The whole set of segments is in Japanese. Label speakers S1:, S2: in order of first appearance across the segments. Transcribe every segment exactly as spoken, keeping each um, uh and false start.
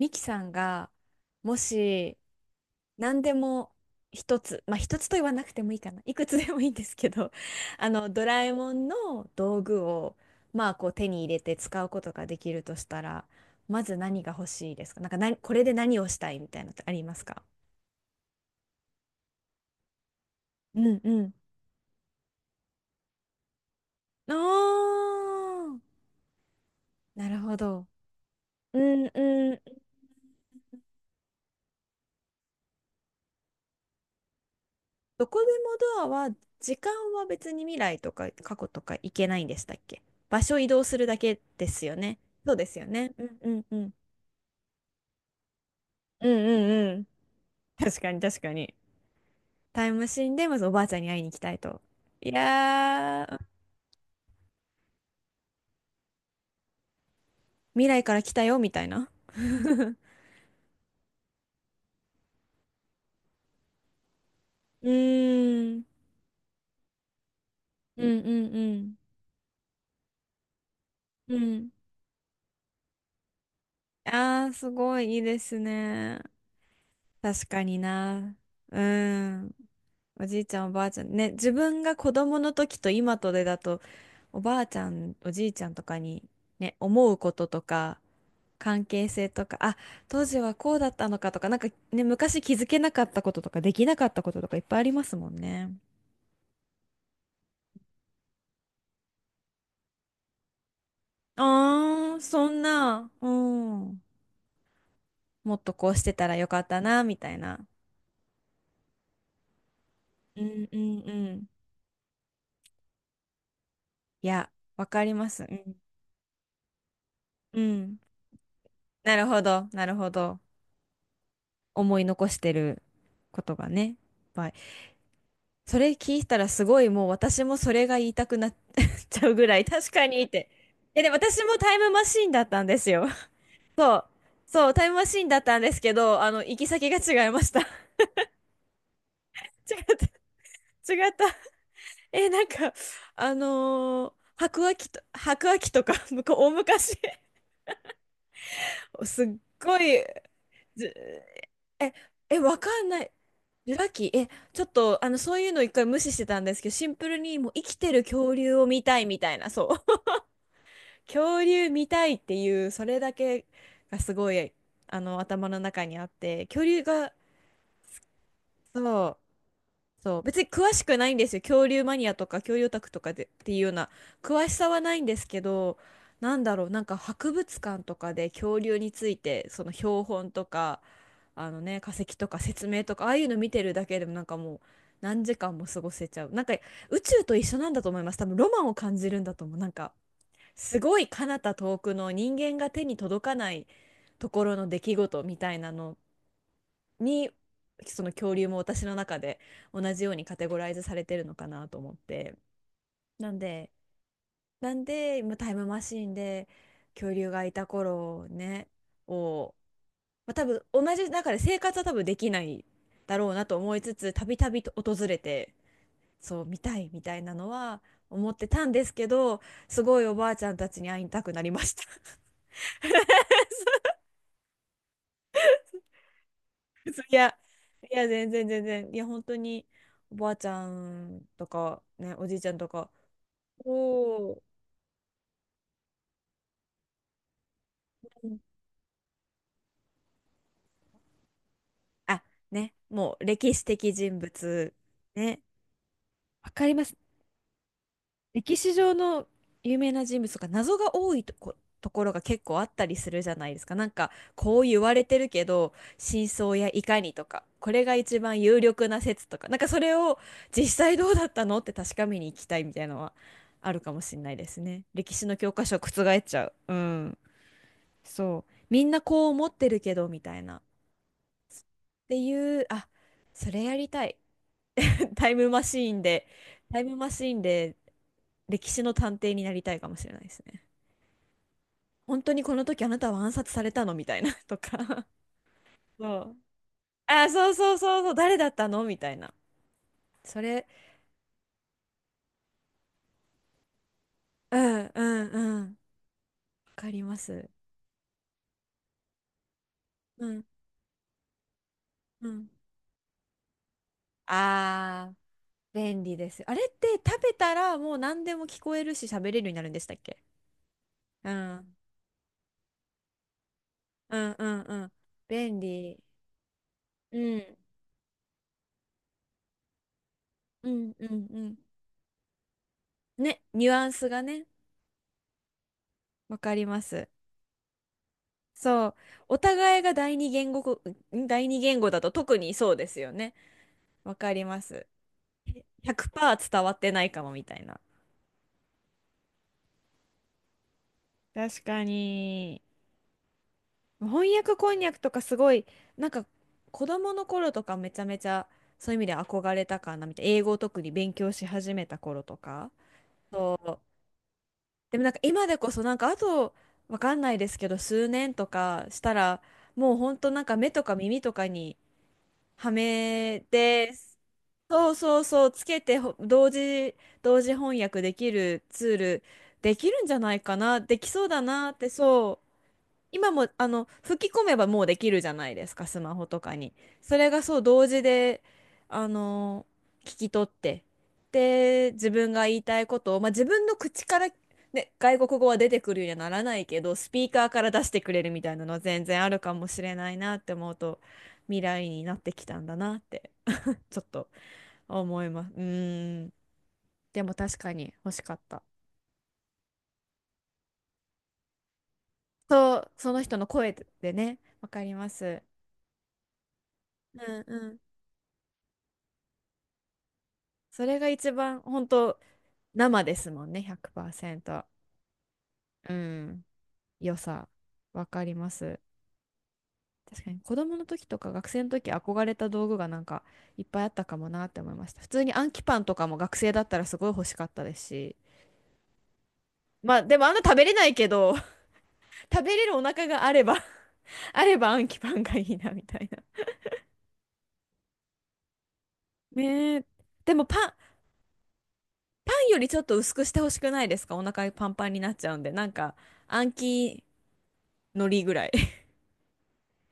S1: ミキさんが、もし、何でも一つ、まあ一つと言わなくてもいいかな。いくつでもいいんですけど、あの、ドラえもんの道具を、まあこう手に入れて使うことができるとしたら、まず何が欲しいですか？なんかな、これで何をしたいみたいなのってありますか？うんうん。あー、なるほど。うんうん。どこでもドアは、時間は別に未来とか過去とか行けないんでしたっけ？場所移動するだけですよね。そうですよね。うんうんうん。うんうんうん。確かに確かに。タイムマシンでまずおばあちゃんに会いに行きたいと。いやー、未来から来たよみたいな。うーん。うんうんうん。うん。あー、すごいいいですね。確かにな。うん。おじいちゃん、おばあちゃん。ね、自分が子供の時と今とでだと、おばあちゃん、おじいちゃんとかに、ね、思うこととか、関係性とか、あ、当時はこうだったのかとか、なんかね、昔気づけなかったこととか、できなかったこととかいっぱいありますもんね。ああ、そんな、うん。もっとこうしてたらよかったな、みたいな。うんうんうん。いや、わかります。うん。うん。なるほど、なるほど。思い残してることがね。いっぱい。それ聞いたらすごいもう私もそれが言いたくなっ ちゃうぐらい 確かにって。え、で、私もタイムマシーンだったんですよ。そう、タイムマシーンだったんですけど、あの、行き先が違いました。違った、違った。え、なんか、あのー白亜紀と、白亜紀とか、向こう、大昔、すっごい、じ、え、え、わかんない。ジュラ紀、え、ちょっと、あの、そういうの一回無視してたんですけど、シンプルにもう生きてる恐竜を見たいみたいな、そう。恐竜見たいっていう、それだけがすごい、あの、頭の中にあって、恐竜が、そう。そう別に詳しくないんですよ、恐竜マニアとか恐竜オタクとかでっていうような詳しさはないんですけど、なんだろう、なんか博物館とかで恐竜についてその標本とか、あのね、化石とか説明とか、ああいうの見てるだけでもなんかもう何時間も過ごせちゃう。なんか宇宙と一緒なんだと思います、多分。ロマンを感じるんだと思う、なんか。すごい彼方、遠くの人間が手に届かないところの出来事みたいなのに、その恐竜も私の中で同じようにカテゴライズされてるのかなと思って。なんでなんで今タイムマシーンで恐竜がいた頃ねを、まあ、多分同じ中で生活は多分できないだろうなと思いつつ、たびたびと訪れてそう、見たいみたいなのは思ってたんですけど、すごいおばあちゃんたちに会いたくなりました。 そう。そう、いや、いや、全然全然、いや本当に、おばあちゃんとかね、おじいちゃんとか。おお。うん。あ、ね、もう歴史的人物。ね、わかります。歴史上の有名な人物とか謎が多いとこ、ところが結構あったりするじゃないですか。なんか、こう言われてるけど、真相やいかにとか、これが一番有力な説とか、なんかそれを実際どうだったのって確かめに行きたいみたいなのはあるかもしれないですね。歴史の教科書を覆っちゃう。うん。そう。みんなこう思ってるけど、みたいな。っていう、あ、それやりたい。タイムマシーンで、タイムマシーンで歴史の探偵になりたいかもしれないですね。本当にこの時あなたは暗殺されたのみたいな とか。そう。あ、そうそうそうそう、誰だったのみたいな。それ、うんうんうん。わかります。うんうん。あー、便利です。あれって食べたらもう何でも聞こえるし喋れるようになるんでしたっけ？うんうんうんうん。便利。うん。うんうんうん。ね、ニュアンスがね、わかります。そう。お互いが第二言語こ、ん、第二言語だと特にそうですよね。わかります。ひゃくパーセント伝わってないかもみたいな。確かに。翻訳こんにゃくとかすごい、なんか子供の頃とかめちゃめちゃそういう意味で憧れたかなみたいな。英語を特に勉強し始めた頃とか。そう。でもなんか今でこそ、なんかあとわかんないですけど数年とかしたら、もうほんとなんか目とか耳とかにはめて、そうそうそう、つけてほ、同時、同時翻訳できるツール、できるんじゃないかな、できそうだなって、そう、今も、あの、吹き込めばもうできるじゃないですか、スマホとかに。それがそう、同時で、あの、聞き取って、で、自分が言いたいことを、まあ、自分の口から、ね、外国語は出てくるようにはならないけど、スピーカーから出してくれるみたいなのは全然あるかもしれないなって思うと、未来になってきたんだなって、ちょっと。思います。うーん。でも確かに欲しかった。そう、その人の声でね、わかります。うんうん。それが一番本当、生ですもんね、ひゃくパーセント。うん。良さ、わかります。確かに子供の時とか学生の時憧れた道具がなんかいっぱいあったかもなって思いました。普通に暗記パンとかも学生だったらすごい欲しかったですし。まあでもあんな食べれないけど、食べれるお腹があれば あれば暗記パンがいいなみたいな。ねえ。でもパン、パンよりちょっと薄くしてほしくないですか？お腹パンパンになっちゃうんで。なんか、暗記のりぐらい。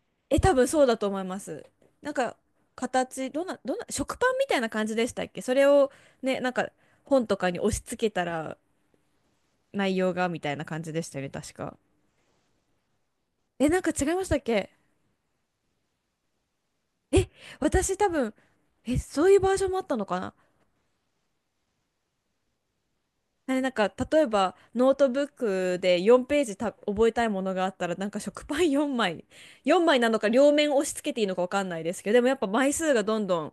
S1: え、多分そうだと思います。なんか、形、どんな、どんな、食パンみたいな感じでしたっけ？それをね、なんか、本とかに押し付けたら、内容が、みたいな感じでしたよね、確か。え、なんか違いましたっけ？え、私多分、え、そういうバージョンもあったのかな。ね、なんか例えばノートブックでよんページた覚えたいものがあったらなんか食パンよんまい、よんまいなのか両面押し付けていいのか分かんないですけど、でもやっぱ枚数がどんどん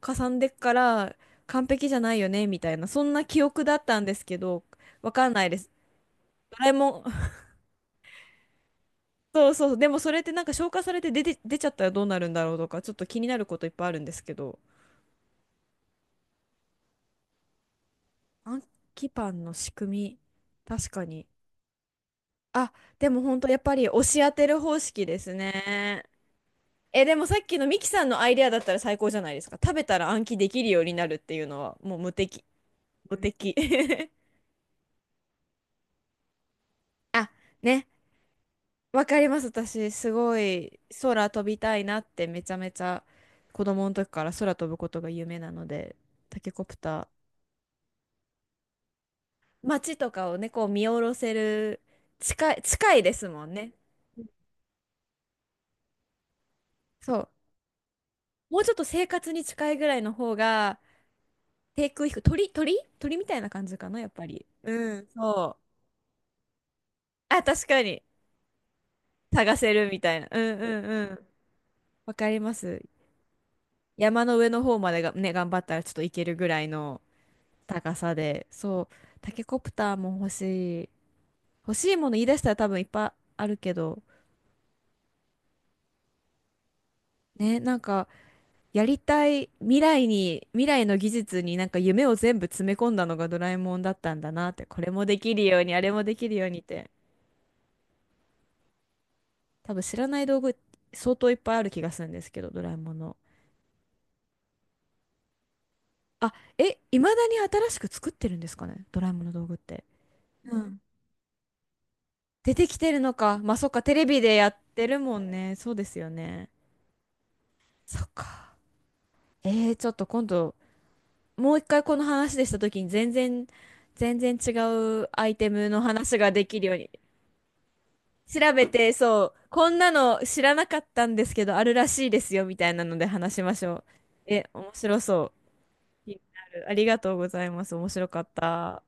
S1: かさんでっから完璧じゃないよねみたいな、そんな記憶だったんですけど分かんないです。ドラえもん そうそう、でもそれってなんか消化されて出て、出ちゃったらどうなるんだろうとか、ちょっと気になることいっぱいあるんですけど、暗記パンの仕組み確かに。あ、でも本当やっぱり押し当てる方式ですね。え、でもさっきのミキさんのアイデアだったら最高じゃないですか。食べたら暗記できるようになるっていうのはもう無敵。無敵。あ、ね。わかります。私、すごい空飛びたいなってめちゃめちゃ子供の時から空飛ぶことが夢なので、タケコプター。街とかをね、こう見下ろせる、近い、近いですもんね。そう。もうちょっと生活に近いぐらいの方が、低空飛行、鳥、鳥鳥みたいな感じかな、やっぱり。うん、そう。あ、確かに。探せるみたいな。うんうんうん。わかります。山の上の方までがね、頑張ったらちょっと行けるぐらいの高さで。そう。タケコプターも欲しい。欲しいもの言い出したら多分いっぱいあるけど。ね、なんか、やりたい未来に、未来の技術になんか夢を全部詰め込んだのがドラえもんだったんだなって。これもできるように、あれもできるようにって。多分知らない道具相当いっぱいある気がするんですけど、ドラえもんの。あ、え、いまだに新しく作ってるんですかね、ドラえもんの道具って。うん。出てきてるのか。まあ、そっか、テレビでやってるもんね。そうですよね。そっか。えー、ちょっと今度、もう一回この話でした時に全然、全然違うアイテムの話ができるように。調べて、そう、こんなの知らなかったんですけど、あるらしいですよ、みたいなので話しましょう。え、面白そう。気になる。ありがとうございます。面白かった。